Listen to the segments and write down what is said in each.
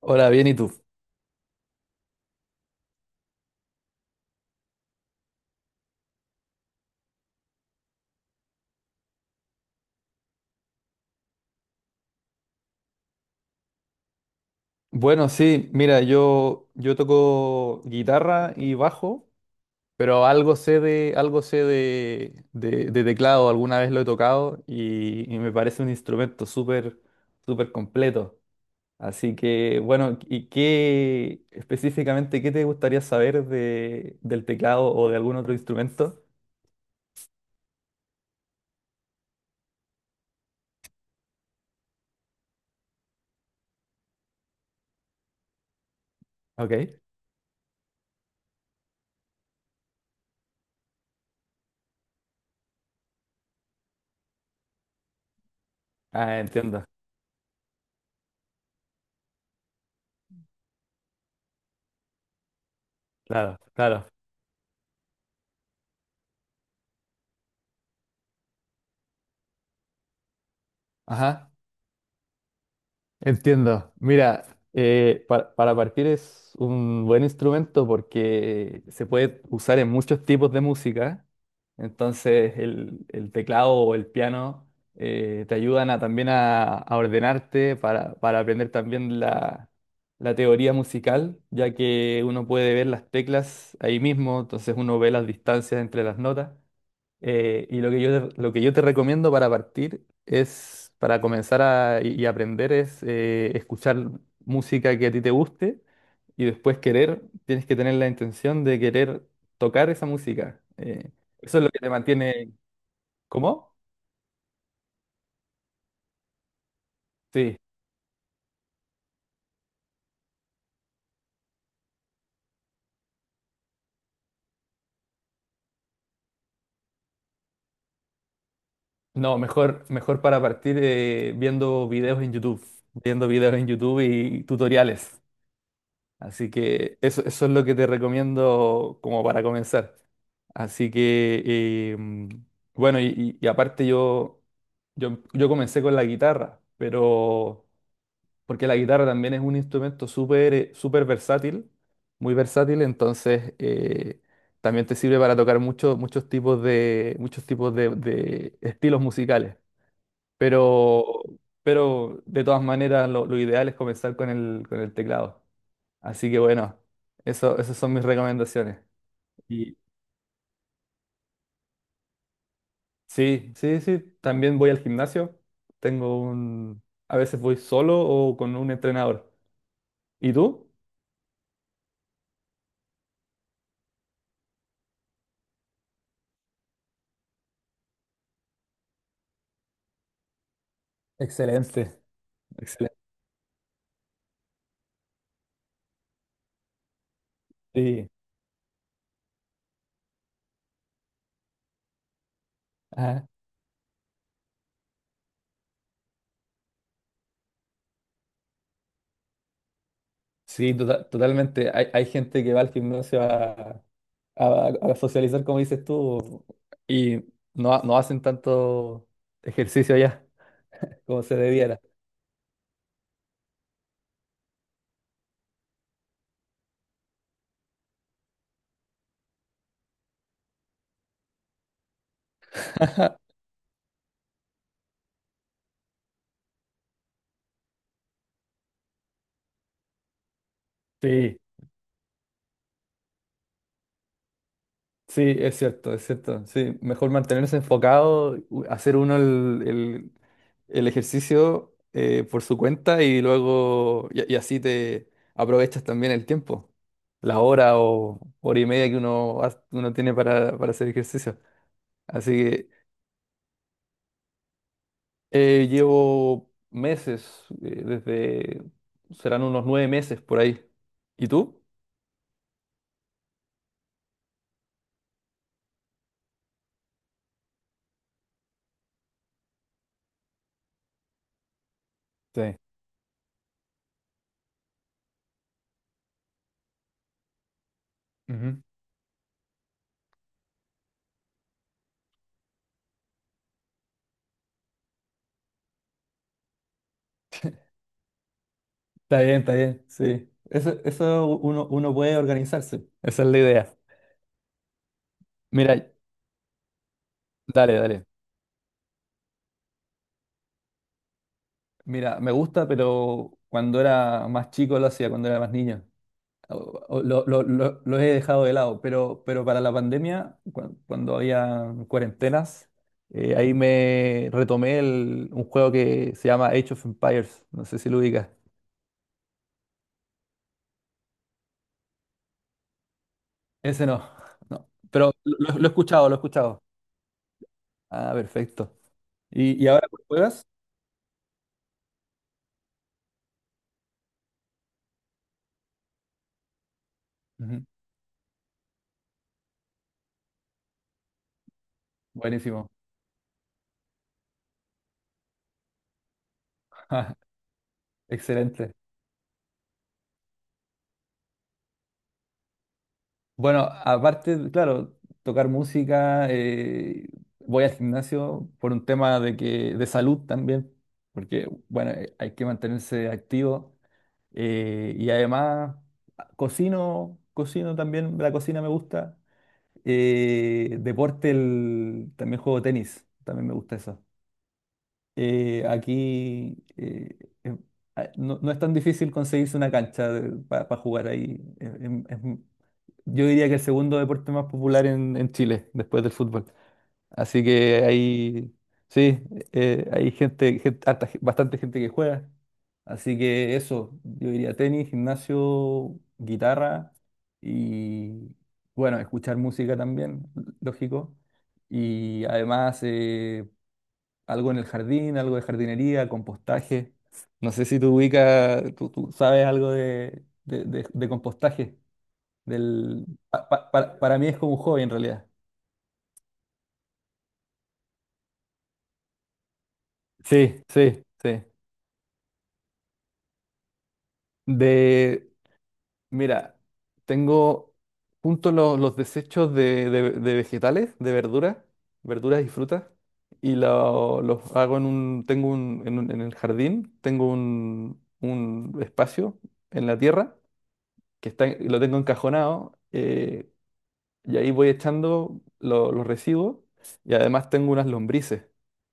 Hola, bien, ¿y tú? Bueno, sí, mira, yo toco guitarra y bajo, pero algo sé de teclado, alguna vez lo he tocado y me parece un instrumento súper completo. Así que, bueno, ¿y qué específicamente, qué te gustaría saber del teclado o de algún otro instrumento? Ok. Ah, entiendo. Claro, claro. Ajá. Entiendo. Mira, para partir es un buen instrumento porque se puede usar en muchos tipos de música. Entonces el teclado o el piano te ayudan a, también a ordenarte para aprender también la teoría musical, ya que uno puede ver las teclas ahí mismo, entonces uno ve las distancias entre las notas. Lo que yo te recomiendo para partir es, para comenzar a, y aprender es escuchar música que a ti te guste y después querer, tienes que tener la intención de querer tocar esa música. Eso es lo que te mantiene... ¿Cómo? Sí. No, mejor para partir viendo videos en YouTube, viendo videos en YouTube y tutoriales. Así que eso es lo que te recomiendo como para comenzar. Así que, bueno, y aparte yo comencé con la guitarra, pero porque la guitarra también es un instrumento súper versátil, muy versátil, entonces también te sirve para tocar muchos muchos tipos muchos tipos de estilos musicales. Pero, pero de todas maneras lo ideal es comenzar con con el teclado. Así que bueno, esas son mis recomendaciones. Y sí, sí, sí, también voy al gimnasio. Tengo un... A veces voy solo o con un entrenador. ¿Y tú? Excelente, excelente. Sí, ajá. Sí, tota- totalmente. Hay gente que va al gimnasio a socializar, como dices tú, y no, ha- no hacen tanto ejercicio allá como se debiera. Sí, sí, es cierto, es cierto. Sí, mejor mantenerse enfocado, u- hacer uno el ejercicio por su cuenta y luego, y así te aprovechas también el tiempo, la hora o hora y media que ha- uno tiene para hacer ejercicio. Así que llevo meses, desde, serán unos nueve meses por ahí. ¿Y tú? Sí. Ujú. Está bien, sí. Eso, uno puede organizarse. Esa es la idea. Mira, dale, dale. Mira, me gusta, pero cuando era más chico lo hacía, cuando era más niño. O- lo he dejado de lado, pero para la pandemia, cu- cuando había cuarentenas, ahí me retomé el- un juego que se llama Age of Empires. No sé si lo ubicas. Ese no, no. Pero lo he escuchado, lo he escuchado. Ah, perfecto. Y ahora cuál juegas? Ujú, buenísimo. Excelente. Bueno, aparte, claro, tocar música, voy al gimnasio por un tema de salud también, porque bueno, hay que mantenerse activo y además ah, cocino, cocino también, la cocina me gusta. Deporte, el- también juego tenis, también me gusta eso. Eh, aquí eh, eh, no, no es tan difícil conseguirse una cancha para jugar ahí, es- yo diría que el segundo deporte más popular en Chile, después del fútbol. Así que hay, sí, hay gente, gen- harta ge- bastante gente que juega. Así que eso, yo diría tenis, gimnasio, guitarra y, bueno, escuchar música también, lógico. Y además algo en el jardín, algo de jardinería, compostaje. No sé si tú ubicas, tú sabes algo de compostaje. Del, pa- pa- para mí es como un hobby en realidad. Sí, sí, sí. De, mira, tengo junto los desechos de, de vegetales, de verduras, verduras y frutas, y los hago en un, tengo un- en el jardín, tengo un espacio en la tierra que está, lo tengo encajonado, y ahí voy echando los residuos, y además tengo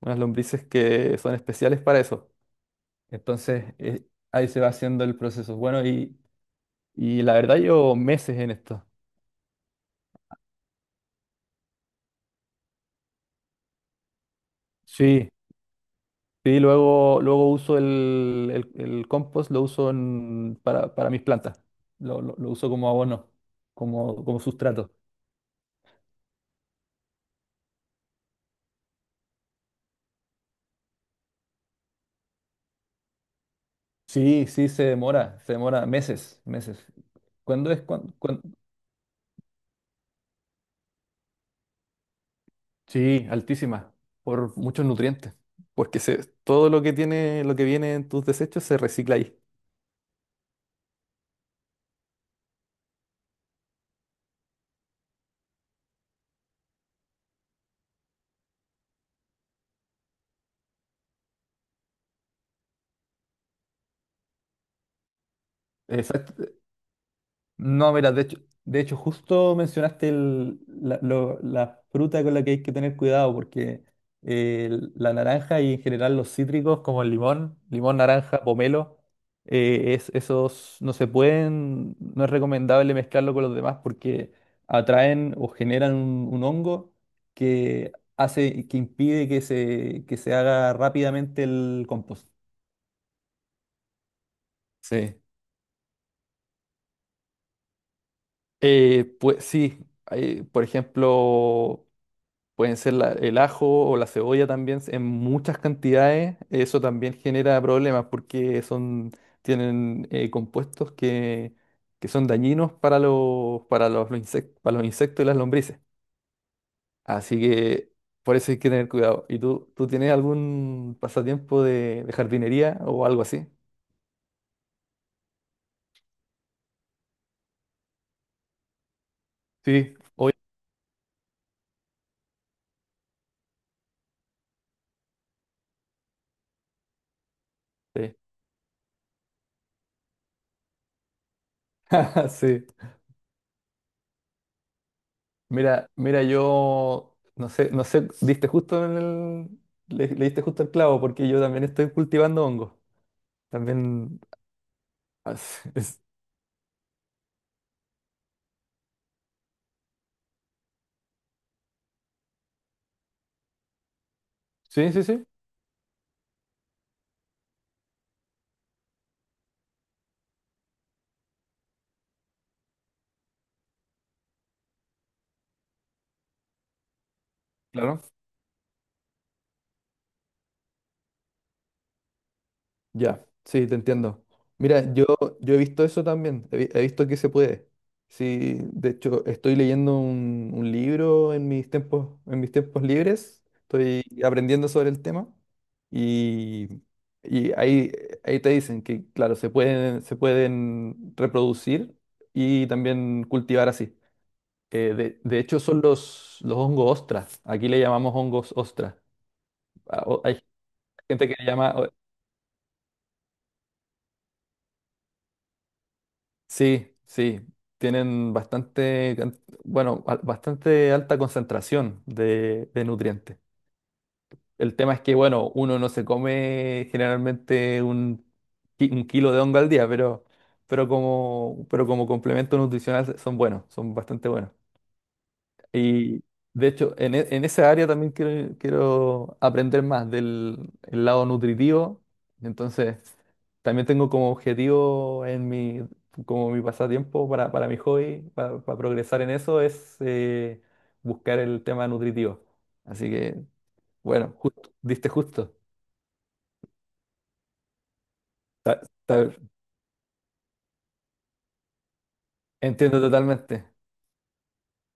unas lombrices que son especiales para eso. Entonces, ahí se va haciendo el proceso. Bueno, y la verdad llevo meses en esto. Sí, sí, luego, luego uso el compost, lo uso en- para mis plantas. Lo uso como abono, como sustrato. Sí, sí, se demora meses, meses. ¿Cuándo es? Cuan- cuan- Sí, altísima, por muchos nutrientes, porque se, todo lo que tiene, lo que viene en tus desechos se recicla ahí. Exacto. No, mira, de hecho justo mencionaste el- la fruta con la que hay que tener cuidado, porque eh, la naranja y en general los cítricos como el limón, limón, naranja, pomelo, esos no se pueden, no es recomendable mezclarlo con los demás porque atraen o generan un hongo que hace, que impide que se haga rápidamente el compost. Sí. Pues sí, hay, por ejemplo, pueden ser la- el ajo o la cebolla también en muchas cantidades. Eso también genera problemas porque son, tienen compuestos que son dañinos para los insec- para los insectos y las lombrices. Así que por eso hay que tener cuidado. ¿Y tú tienes algún pasatiempo de jardinería o algo así? Sí, obviamente. Sí. Mira, mira, yo no sé, no sé, diste justo en el, le diste justo el clavo porque yo también estoy cultivando hongos. También... as- es- Sí, sí, sí, claro. Ya, sí, te entiendo. Mira, yo he visto eso también, he, vi- he visto que se puede. Sí, de hecho, estoy leyendo un libro en mis tiempos libres, estoy aprendiendo sobre el tema y, y ahí, ahí te dicen que, claro, se pueden reproducir y también cultivar así. De hecho, son los hongos ostras, aquí le llamamos hongos ostras. Gente que le llama, sí, sí, tienen bastante, can- bueno, al- bastante alta concentración de nutrientes. El tema es que, bueno, uno no se come generalmente un, ki- un kilo de hongo al día, pero como complemento nutricional son buenos, son bastante buenos. Y de hecho, en, e- en esa área también quiero, quiero aprender más del el lado nutritivo. Entonces, también tengo como objetivo en mi, como mi pasatiempo para mi hobby, para progresar en eso, es buscar el tema nutritivo. Así que, bueno, justo, diste justo. Ta- ta- entiendo totalmente.